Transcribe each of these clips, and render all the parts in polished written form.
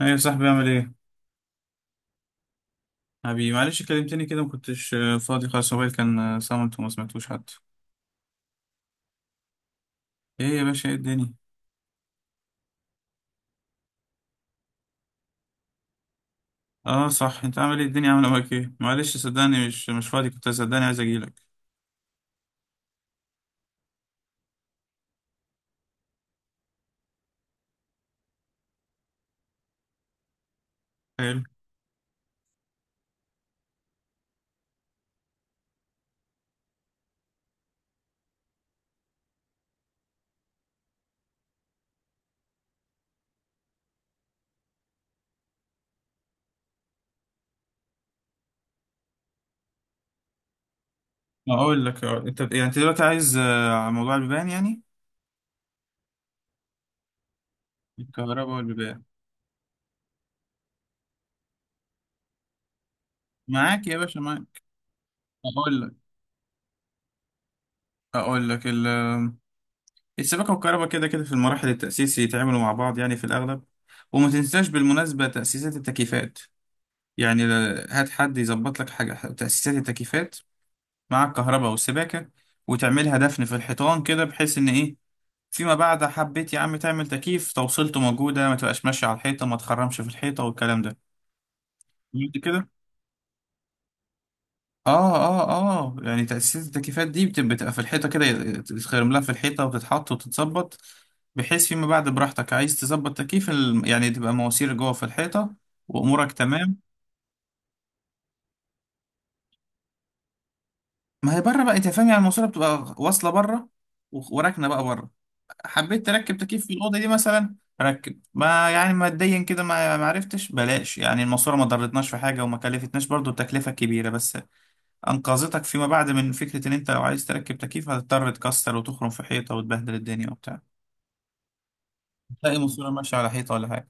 ايه يا صاحبي عامل ايه؟ حبيبي معلش كلمتني كده ما كنتش فاضي. خلاص، موبايل كان صامت وما سمعتوش حتى. ايه يا باشا؟ ايه الدنيا؟ اه صح، انت عامل ايه؟ الدنيا عامله معاك ايه؟ معلش صدقني مش فاضي، كنت صدقني عايز اجيلك. حلو. اقول لك، انت يعني انت دلوقتي عايز، على موضوع البيبان يعني، الكهرباء والبيبان. معاك يا باشا معاك. اقول لك اقول لك ال السباكه والكهرباء كده كده في المراحل التاسيس يتعاملوا مع بعض يعني في الاغلب. وما تنساش بالمناسبه تاسيسات التكييفات. يعني هات حد يظبط لك حاجة تأسيسات التكييفات مع الكهرباء والسباكة. وتعملها دفن في الحيطان كده بحيث إن إيه، فيما بعد حبيت يا عم تعمل تكييف، توصيلته موجودة، ما تبقاش ماشية على الحيطة، ما تخرمش في الحيطة والكلام ده. فهمت كده؟ يعني تأسيسات التكييفات دي بتبقى في الحيطة كده، تتخرم لها في الحيطة وتتحط وتتظبط، بحيث فيما بعد براحتك عايز تظبط تكييف، يعني تبقى مواسير جوه في الحيطة، وأمورك تمام. ما هي بره بقى، انت فاهم يعني الماسوره بتبقى واصله بره وراكنه بقى بره. حبيت تركب تكييف في الاوضه دي مثلا، ركب. ما يعني ماديا كده ما عرفتش، بلاش، يعني الماسوره ما ضرتناش في حاجه وما كلفتناش، برضو التكلفه كبيره بس انقذتك فيما بعد من فكره ان انت لو عايز تركب تكييف هتضطر تكسر وتخرم في حيطه وتبهدل الدنيا وبتاع، تلاقي ماسوره ماشيه على حيطه ولا حاجه.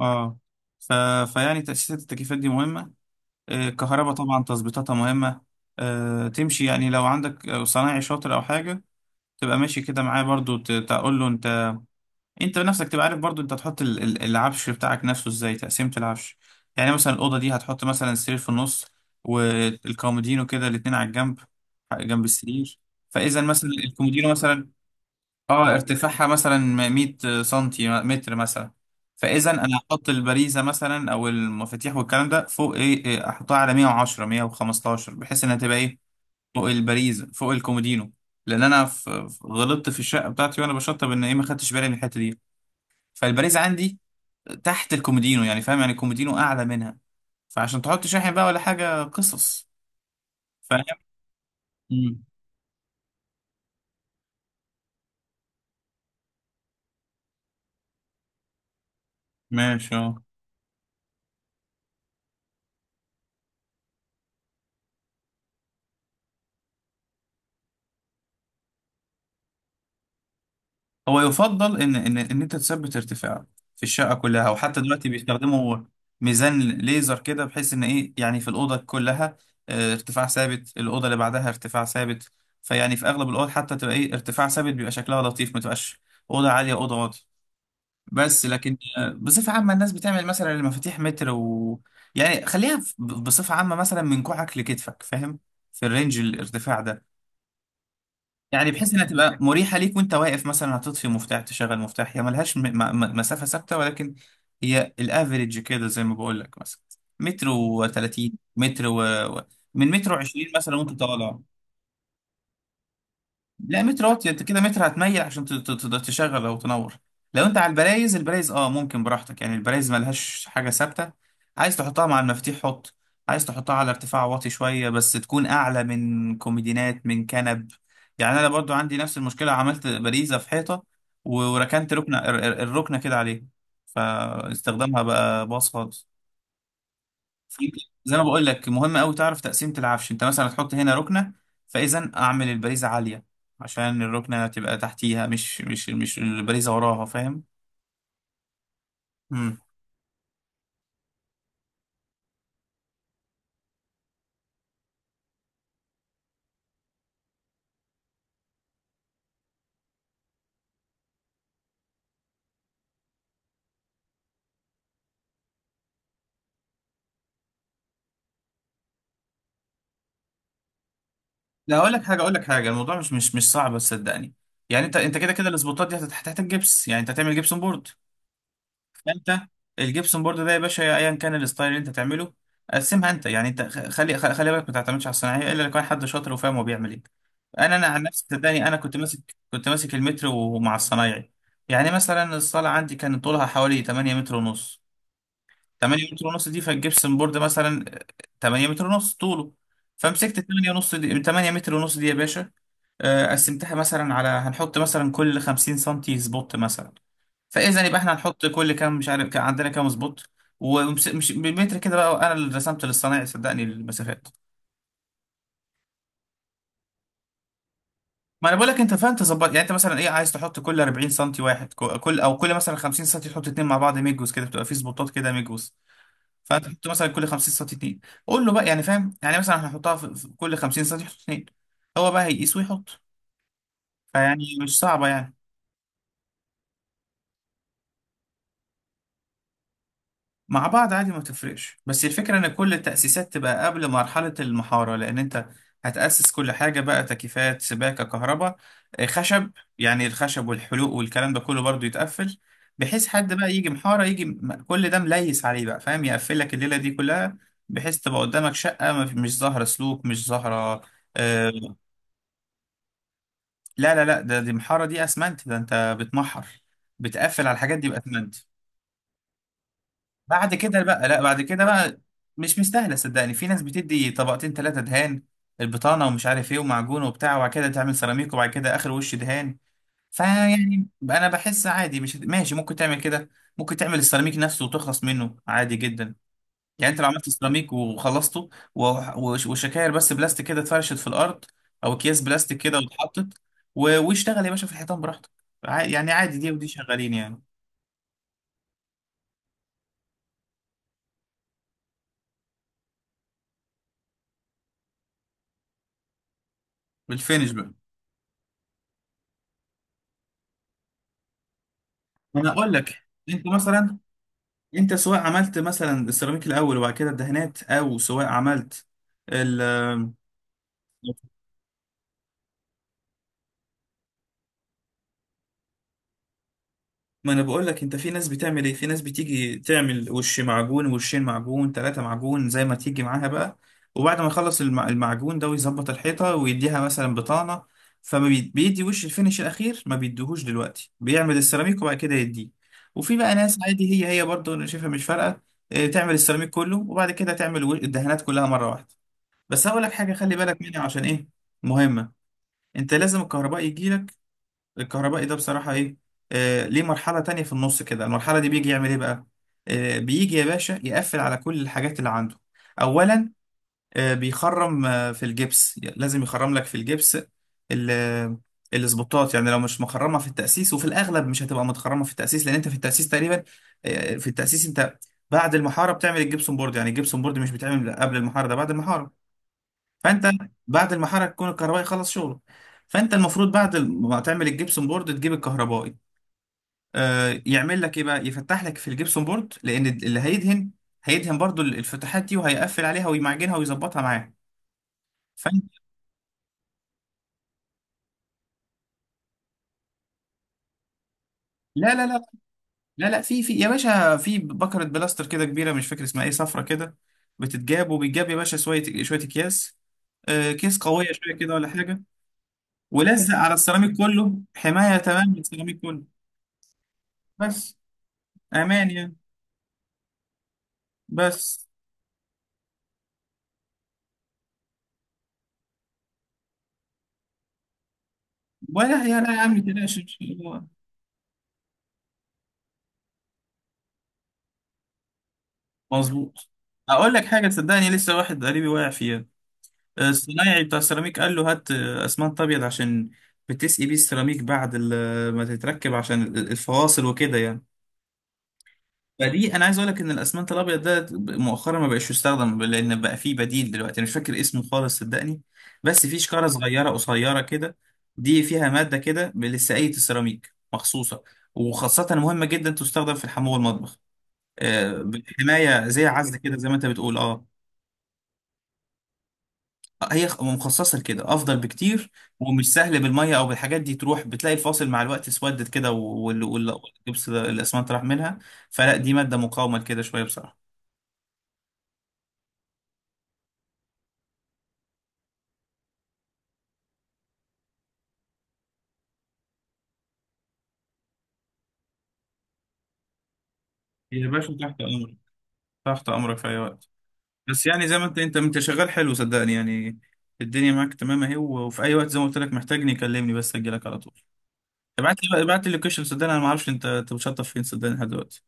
اه ف... فيعني تاسيسات التكييفات دي مهمه. الكهرباء طبعا تظبيطاتها مهمه، تمشي يعني لو عندك صنايعي شاطر او حاجه، تبقى ماشي كده معاه برضو، تقول له انت. انت بنفسك تبقى عارف برضو انت هتحط العفش بتاعك نفسه ازاي، تقسيمة العفش. يعني مثلا الأوضة دي هتحط مثلا السرير في النص، والكومودينو كده الاتنين على الجنب جنب السرير. فإذا مثلا الكومودينو مثلا، اه ارتفاعها مثلا 100 سنتي متر مثلا، فإذا أنا هحط البريزة مثلا أو المفاتيح والكلام ده فوق، إيه إيه، أحطها على 110 115 بحيث إنها تبقى إيه فوق الباريزا فوق الكومودينو. لان انا غلطت في الشقه بتاعتي وانا بشطب ان ايه، ما خدتش بالي من الحته دي. فالباريزا عندي تحت الكومودينو، يعني فاهم يعني الكومودينو اعلى منها، فعشان تحط شاحن بقى ولا حاجه قصص. فاهم. مم. ماشي، اه. هو يفضل ان انت تثبت ارتفاع في الشقه كلها، وحتى دلوقتي بيستخدموا ميزان ليزر كده بحيث ان ايه، يعني في الاوضه كلها ارتفاع ثابت، الاوضه اللي بعدها ارتفاع ثابت. فيعني في اغلب الاوض حتى تبقى ايه، ارتفاع ثابت بيبقى شكلها لطيف، ما تبقاش اوضه عاليه اوضه واطيه. بس لكن بصفه عامه الناس بتعمل مثلا المفاتيح متر، و يعني خليها بصفه عامه، مثلا من كوعك لكتفك، فاهم، في الرينج الارتفاع ده، يعني بحيث انها تبقى مريحه ليك وانت واقف. مثلا هتطفي مفتاح تشغل مفتاح، هي ملهاش مسافه ثابته، ولكن هي الافريج كده زي ما بقول لك. مثلا متر و30 متر و... و- من متر و20 مثلا وانت طالع. لا متر واطي، انت كده متر هتميل عشان تشغل او تنور. لو انت على البرايز، البرايز اه ممكن براحتك، يعني البرايز ملهاش حاجه ثابته، عايز تحطها مع المفاتيح حط، عايز تحطها على ارتفاع واطي شويه بس تكون اعلى من كوميدينات من كنب. يعني انا برضو عندي نفس المشكله، عملت باريزه في حيطه وركنت ركنه الركنه كده عليها، فاستخدامها بقى باظ خالص. في- زي ما بقول لك مهم قوي تعرف تقسيمة العفش، انت مثلا هتحط هنا ركنة، فاذا اعمل البريزة عالية عشان الركنة تبقى تحتيها، مش البريزة وراها، فاهم. امم لا اقول لك حاجة، اقول لك حاجة، الموضوع مش صعب صدقني. يعني انت كده كده، الاسبوتات دي هتحتاج جبس، يعني انت هتعمل جبسون بورد. انت الجبسون بورد ده يا باشا، ايا كان الستايل اللي انت تعمله، قسمها انت. يعني انت خلي بالك ما تعتمدش على الصناعيه الا لو كان حد شاطر وفاهم هو بيعمل ايه. انا عن نفسي صدقني، انا كنت ماسك، كنت ماسك المتر ومع الصنايعي. يعني مثلا الصاله عندي كان طولها حوالي 8 متر ونص. 8 متر ونص دي، فالجبسون بورد مثلا 8 متر ونص طوله. فمسكت 8 ونص دي، 8 متر ونص دي يا باشا، قسمتها مثلا على، هنحط مثلا كل 50 سنتي سبوت مثلا، فاذا يبقى احنا هنحط كل كام، مش عارف كان عندنا كام سبوت. ومش بالمتر كده بقى، انا اللي رسمت للصنايعي صدقني المسافات. ما انا بقول لك انت فاهم تظبط، يعني انت مثلا ايه، عايز تحط كل 40 سنتي واحد، كل او كل مثلا 50 سنتي تحط اتنين مع بعض، ميجوز كده بتبقى في سبوتات كده ميجوز. فانت تحط مثلا كل 50 سنتي اتنين، قول له بقى، يعني فاهم يعني مثلا هنحطها في كل 50 سنتي تحط اتنين، هو بقى هيقيس ويحط. فيعني مش صعبة يعني. مع بعض عادي ما تفرقش، بس الفكرة ان كل التأسيسات تبقى قبل مرحلة المحارة، لان انت هتأسس كل حاجة بقى، تكييفات سباكة كهرباء خشب، يعني الخشب والحلوق والكلام ده كله برضو يتقفل، بحيث حد بقى يجي محارة يجي، كل ده مليس عليه بقى، فاهم، يقفل لك الليلة دي كلها، بحيث تبقى قدامك شقة ما في- مش ظاهرة سلوك، مش ظاهرة. آه، لا لا لا، ده، دي محارة، دي اسمنت، ده انت بتمحر، بتقفل على الحاجات دي بأسمنت. بعد كده بقى، لا بعد كده بقى مش مستاهله صدقني. في ناس بتدي طبقتين ثلاثه دهان، البطانه ومش عارف ايه ومعجون وبتاع، وبعد كده تعمل سيراميك وبعد كده اخر وش دهان. فيعني انا بحس عادي، مش ماشي، ممكن تعمل كده، ممكن تعمل السيراميك نفسه وتخلص منه عادي جدا. يعني انت لو عملت سيراميك وخلصته و- وشكاير بس بلاستيك كده اتفرشت في الارض، او اكياس بلاستيك كده واتحطت واشتغل يا باشا في الحيطان براحتك. يعني عادي، دي ودي شغالين يعني. بالفينش بقى، انا اقول لك انت مثلا، انت سواء عملت مثلا السيراميك الاول وبعد كده الدهانات، او سواء عملت ال، ما انا بقول لك انت في ناس بتعمل ايه، في ناس بتيجي تعمل وش معجون، وشين معجون، ثلاثة معجون، زي ما تيجي معاها بقى، وبعد ما يخلص المعجون ده ويظبط الحيطة ويديها مثلا بطانة، بيدي وش الفينش الاخير، ما بيديهوش دلوقتي، بيعمل السيراميك وبعد كده يديه. وفي بقى ناس عادي، هي هي برضه انا شايفها مش فارقة، اه، تعمل السيراميك كله وبعد كده تعمل الدهانات كلها مرة واحدة. بس هقول لك حاجه خلي بالك منها عشان ايه، مهمه. انت لازم الكهرباء يجي لك، الكهربائي ده بصراحه ايه، ليه مرحله تانية في النص كده، المرحله دي بيجي يعمل ايه بقى، بيجي يا باشا يقفل على كل الحاجات اللي عنده اولا، بيخرم في الجبس، لازم يخرم لك في الجبس ال- السبوتات، يعني لو مش مخرمه في التاسيس، وفي الاغلب مش هتبقى متخرمه في التاسيس لان انت في التاسيس تقريبا، في التاسيس، انت بعد المحاره بتعمل الجبسون بورد، يعني الجبسون بورد مش بيتعمل قبل المحاره، ده بعد المحاره. فانت بعد المحرك يكون الكهربائي خلص شغله. فانت المفروض بعد ما تعمل الجبسون بورد تجيب الكهربائي، يعمل لك ايه بقى، يفتح لك في الجبسون بورد، لان اللي هيدهن هيدهن برضو الفتحات دي وهيقفل عليها ويمعجنها ويظبطها معاها. فانت، لا لا لا، لا لا، في يا باشا في بكرة بلاستر كده كبيرة مش فاكر اسمها ايه، صفرة كده، بتتجاب، وبيتجاب يا باشا شوية شوية اكياس، كيس قوية شوية كده ولا حاجة، ولزق على السيراميك كله، حماية تمام للسيراميك كله. بس، امان يعني. بس، ولا يا لا يا عم تلاش إن شاء الله. مظبوط. اقول لك حاجه صدقني، لسه واحد قريبي واقع فيها، الصنايعي بتاع السيراميك قال له هات اسمنت ابيض عشان بتسقي بيه السيراميك بعد ما تتركب، عشان الفواصل وكده يعني. فدي انا عايز اقول لك ان الاسمنت الابيض ده مؤخرا ما بقاش يستخدم لان بقى فيه بديل دلوقتي، انا مش فاكر اسمه خالص صدقني، بس فيه شكاره صغيره قصيره كده، دي فيها ماده كده لسقايه السيراميك مخصوصه، وخاصه مهمه جدا تستخدم في الحمام والمطبخ، بالحمايه زي عزل كده، زي ما انت بتقول اه. هي مخصصه لكده افضل بكتير، ومش سهل بالميه او بالحاجات دي تروح بتلاقي الفاصل مع الوقت اسودت كده، والجبس الاسمنت راح منها. فلا دي ماده مقاومه لكده شويه بصراحه. يا باشا تحت امرك، تحت امرك في اي وقت. بس يعني زي ما انت، انت شغال حلو صدقني يعني، الدنيا معاك تمام اهي، وفي اي وقت زي ما قلت لك محتاجني كلمني بس اجي لك على طول. ابعت لي اللوكيشن صدقني انا ما اعرفش، انت بتشطف فين صدقني لحد دلوقتي.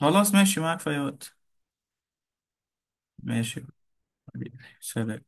خلاص ماشي معاك في اي وقت. ماشي. حبيبي. سلام.